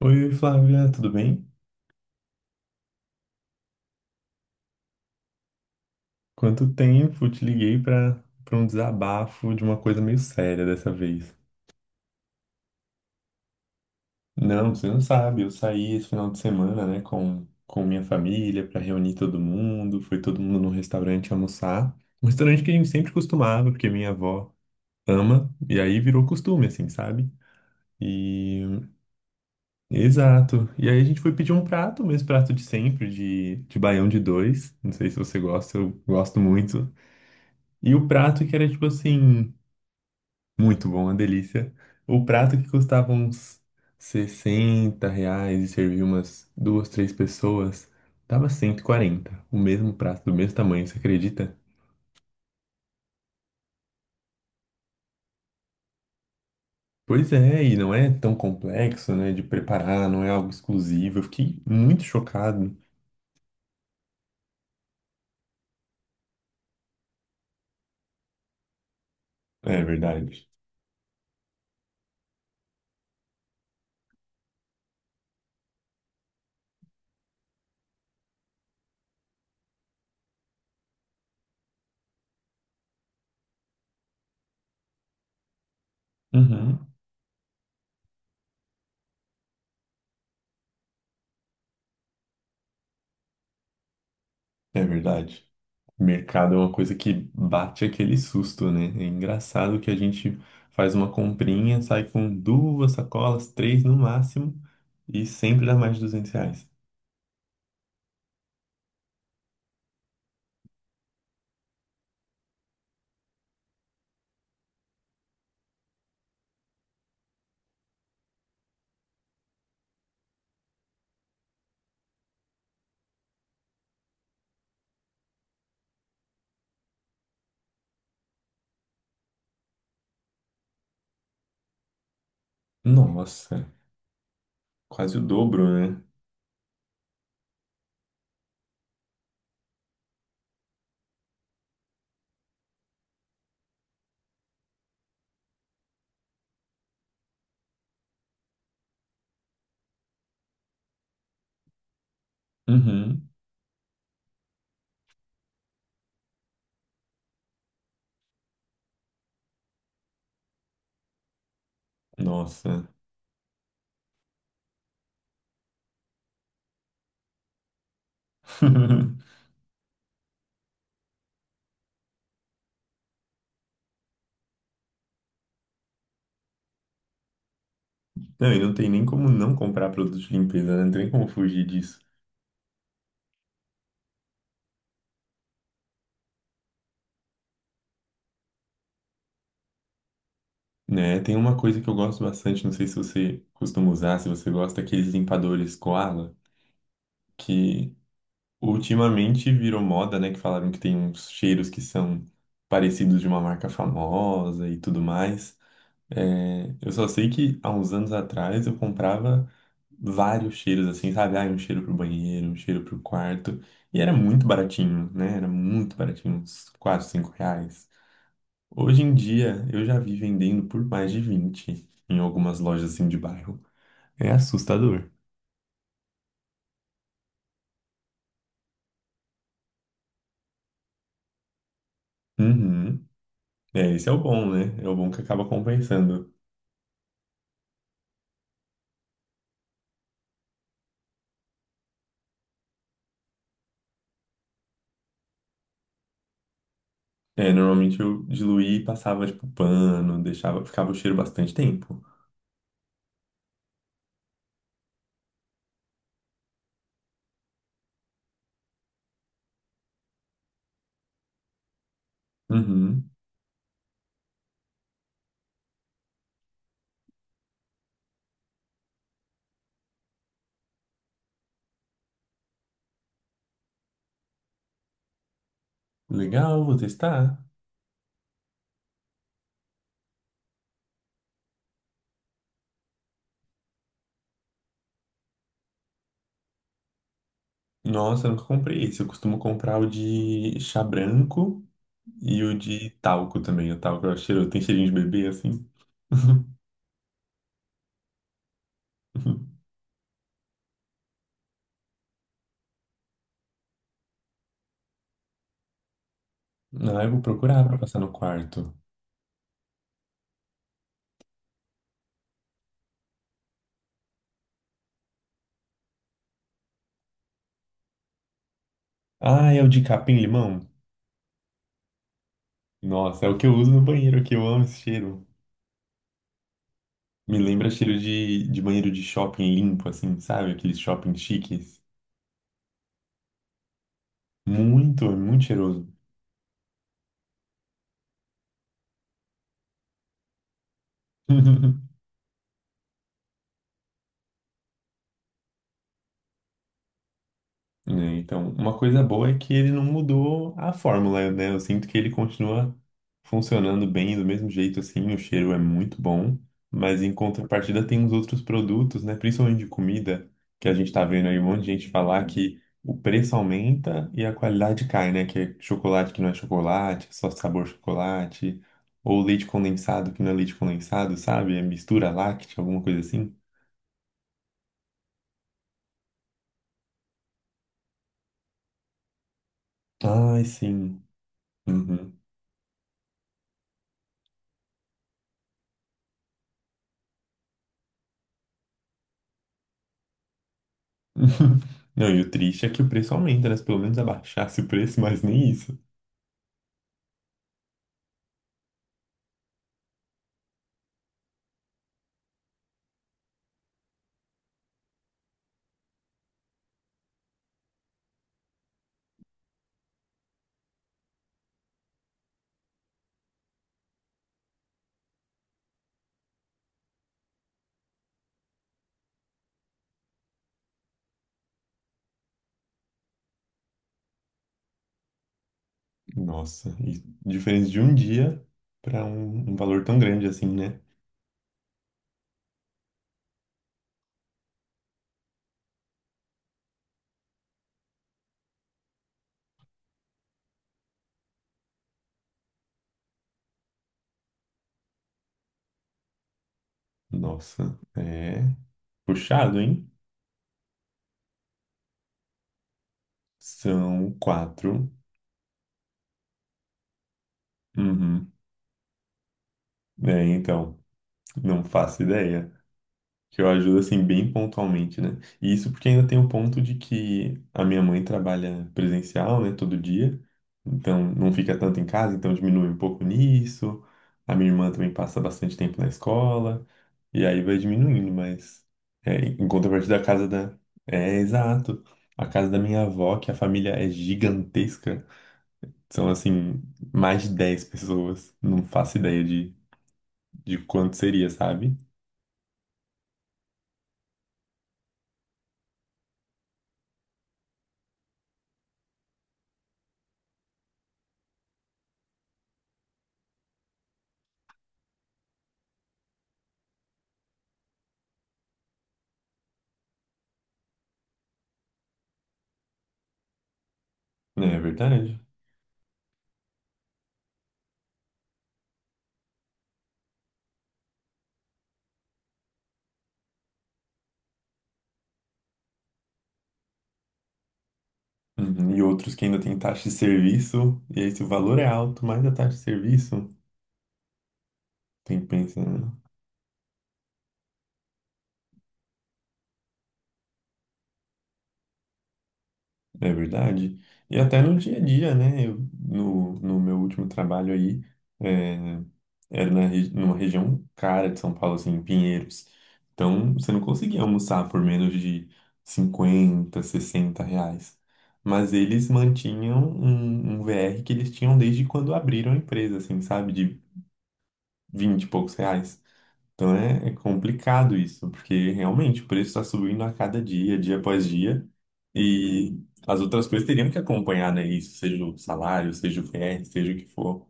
Oi, Flávia, tudo bem? Quanto tempo? Te liguei para um desabafo de uma coisa meio séria dessa vez. Não, você não sabe, eu saí esse final de semana, né, com minha família para reunir todo mundo, foi todo mundo num restaurante almoçar. Um restaurante que a gente sempre costumava, porque minha avó ama, e aí virou costume, assim, sabe? E Exato. E aí a gente foi pedir um prato, o mesmo prato de sempre, de baião de dois. Não sei se você gosta, eu gosto muito. E o prato que era tipo assim. Muito bom, uma delícia. O prato que custava uns R$ 60 e servia umas duas, três pessoas, tava 140. O mesmo prato, do mesmo tamanho, você acredita? Pois é, e não é tão complexo, né, de preparar, não é algo exclusivo. Eu fiquei muito chocado. É verdade. Uhum, é verdade. Mercado é uma coisa que bate aquele susto, né? É engraçado que a gente faz uma comprinha, sai com duas sacolas, três no máximo, e sempre dá mais de R$ 200. Nossa, quase o dobro, né? Uhum, nossa. Não, e não tem nem como não comprar produtos de limpeza, né? Não tem como fugir disso. Né? Tem uma coisa que eu gosto bastante, não sei se você costuma usar, se você gosta, aqueles limpadores Koala, que ultimamente virou moda, né? Que falaram que tem uns cheiros que são parecidos de uma marca famosa e tudo mais. É, eu só sei que há uns anos atrás eu comprava vários cheiros, assim, sabe? Ah, um cheiro pro banheiro, um cheiro pro quarto. E era muito baratinho, né? Era muito baratinho, uns 4, 5 reais. Hoje em dia eu já vi vendendo por mais de 20 em algumas lojas assim de bairro. É assustador. Uhum. É, esse é o bom, né? É o bom que acaba compensando. É, normalmente eu diluía e passava, tipo, pano, deixava, ficava o cheiro bastante tempo. Uhum. Legal, vou testar. Nossa, eu nunca comprei esse. Eu costumo comprar o de chá branco e o de talco também. O talco é cheiro, tem cheirinho de bebê, assim. Ah, eu vou procurar pra passar no quarto. Ah, é o de capim-limão? Nossa, é o que eu uso no banheiro aqui. Eu amo esse cheiro. Me lembra cheiro de banheiro de shopping limpo, assim, sabe? Aqueles shopping chiques. Muito, é muito cheiroso. Né? Então, uma coisa boa é que ele não mudou a fórmula, né? Eu sinto que ele continua funcionando bem do mesmo jeito, assim, o cheiro é muito bom, mas em contrapartida tem uns outros produtos, né? Principalmente de comida, que a gente tá vendo aí um monte de gente falar que o preço aumenta e a qualidade cai, né? Que é chocolate que não é chocolate, só sabor chocolate, ou leite condensado que não é leite condensado, sabe? É mistura láctea, alguma coisa assim. Ai, sim. Uhum. Não, e o triste é que o preço aumenta, né? Se pelo menos abaixasse o preço, mas nem isso. Nossa, e diferença de um dia para um, um valor tão grande assim, né? Nossa, é puxado, hein? São quatro. Uhum. É, então, não faço ideia. Que eu ajudo, assim, bem pontualmente, né? E isso porque ainda tem o ponto de que a minha mãe trabalha presencial, né, todo dia. Então, não fica tanto em casa, então diminui um pouco nisso. A minha irmã também passa bastante tempo na escola. E aí vai diminuindo, mas... É, em contrapartida, a casa da... É, exato. A casa da minha avó, que a família é gigantesca. São, assim, mais de 10 pessoas. Não faço ideia de quanto seria, sabe? É verdade. Uhum. E outros que ainda tem taxa de serviço, e aí se o valor é alto, mais a taxa de serviço, tem que pensar, né? É verdade. E até no dia a dia, né? Eu, no meu último trabalho aí, é, era numa região cara de São Paulo, assim, em Pinheiros. Então, você não conseguia almoçar por menos de 50 60 reais. Mas eles mantinham um VR que eles tinham desde quando abriram a empresa, assim, sabe? De 20 e poucos reais. Então é complicado isso, porque realmente o preço está subindo a cada dia, dia após dia, e as outras coisas teriam que acompanhar, né? Isso, seja o salário, seja o VR, seja o que for.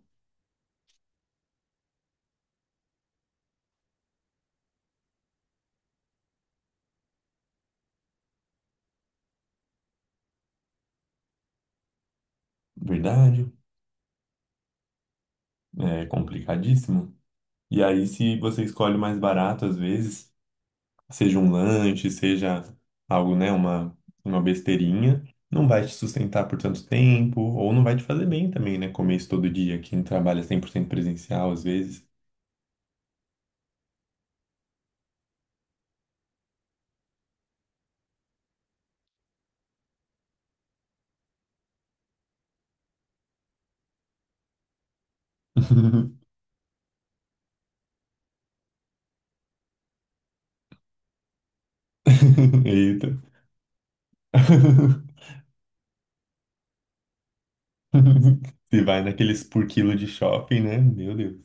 Verdade, é complicadíssimo. E aí, se você escolhe o mais barato, às vezes, seja um lanche, seja algo, né, uma besteirinha, não vai te sustentar por tanto tempo, ou não vai te fazer bem também, né? Comer isso todo dia, quem trabalha 100% presencial, às vezes. Eita. Se vai naqueles por quilo de shopping, né? Meu Deus.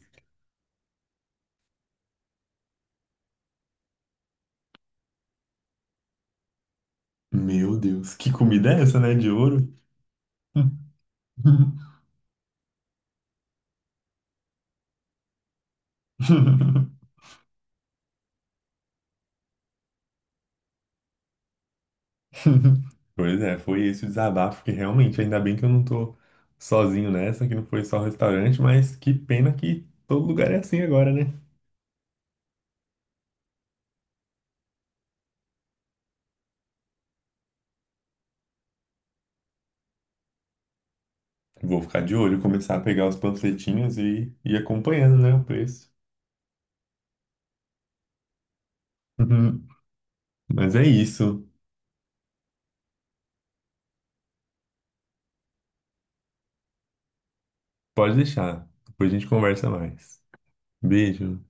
Meu Deus. Que comida é essa, né? De ouro? Pois é, foi esse o desabafo que realmente, ainda bem que eu não tô sozinho nessa, que não foi só restaurante, mas que pena que todo lugar é assim agora, né? Vou ficar de olho, começar a pegar os panfletinhos e ir acompanhando, né, o preço. Uhum. Mas é isso. Pode deixar. Depois a gente conversa mais. Beijo.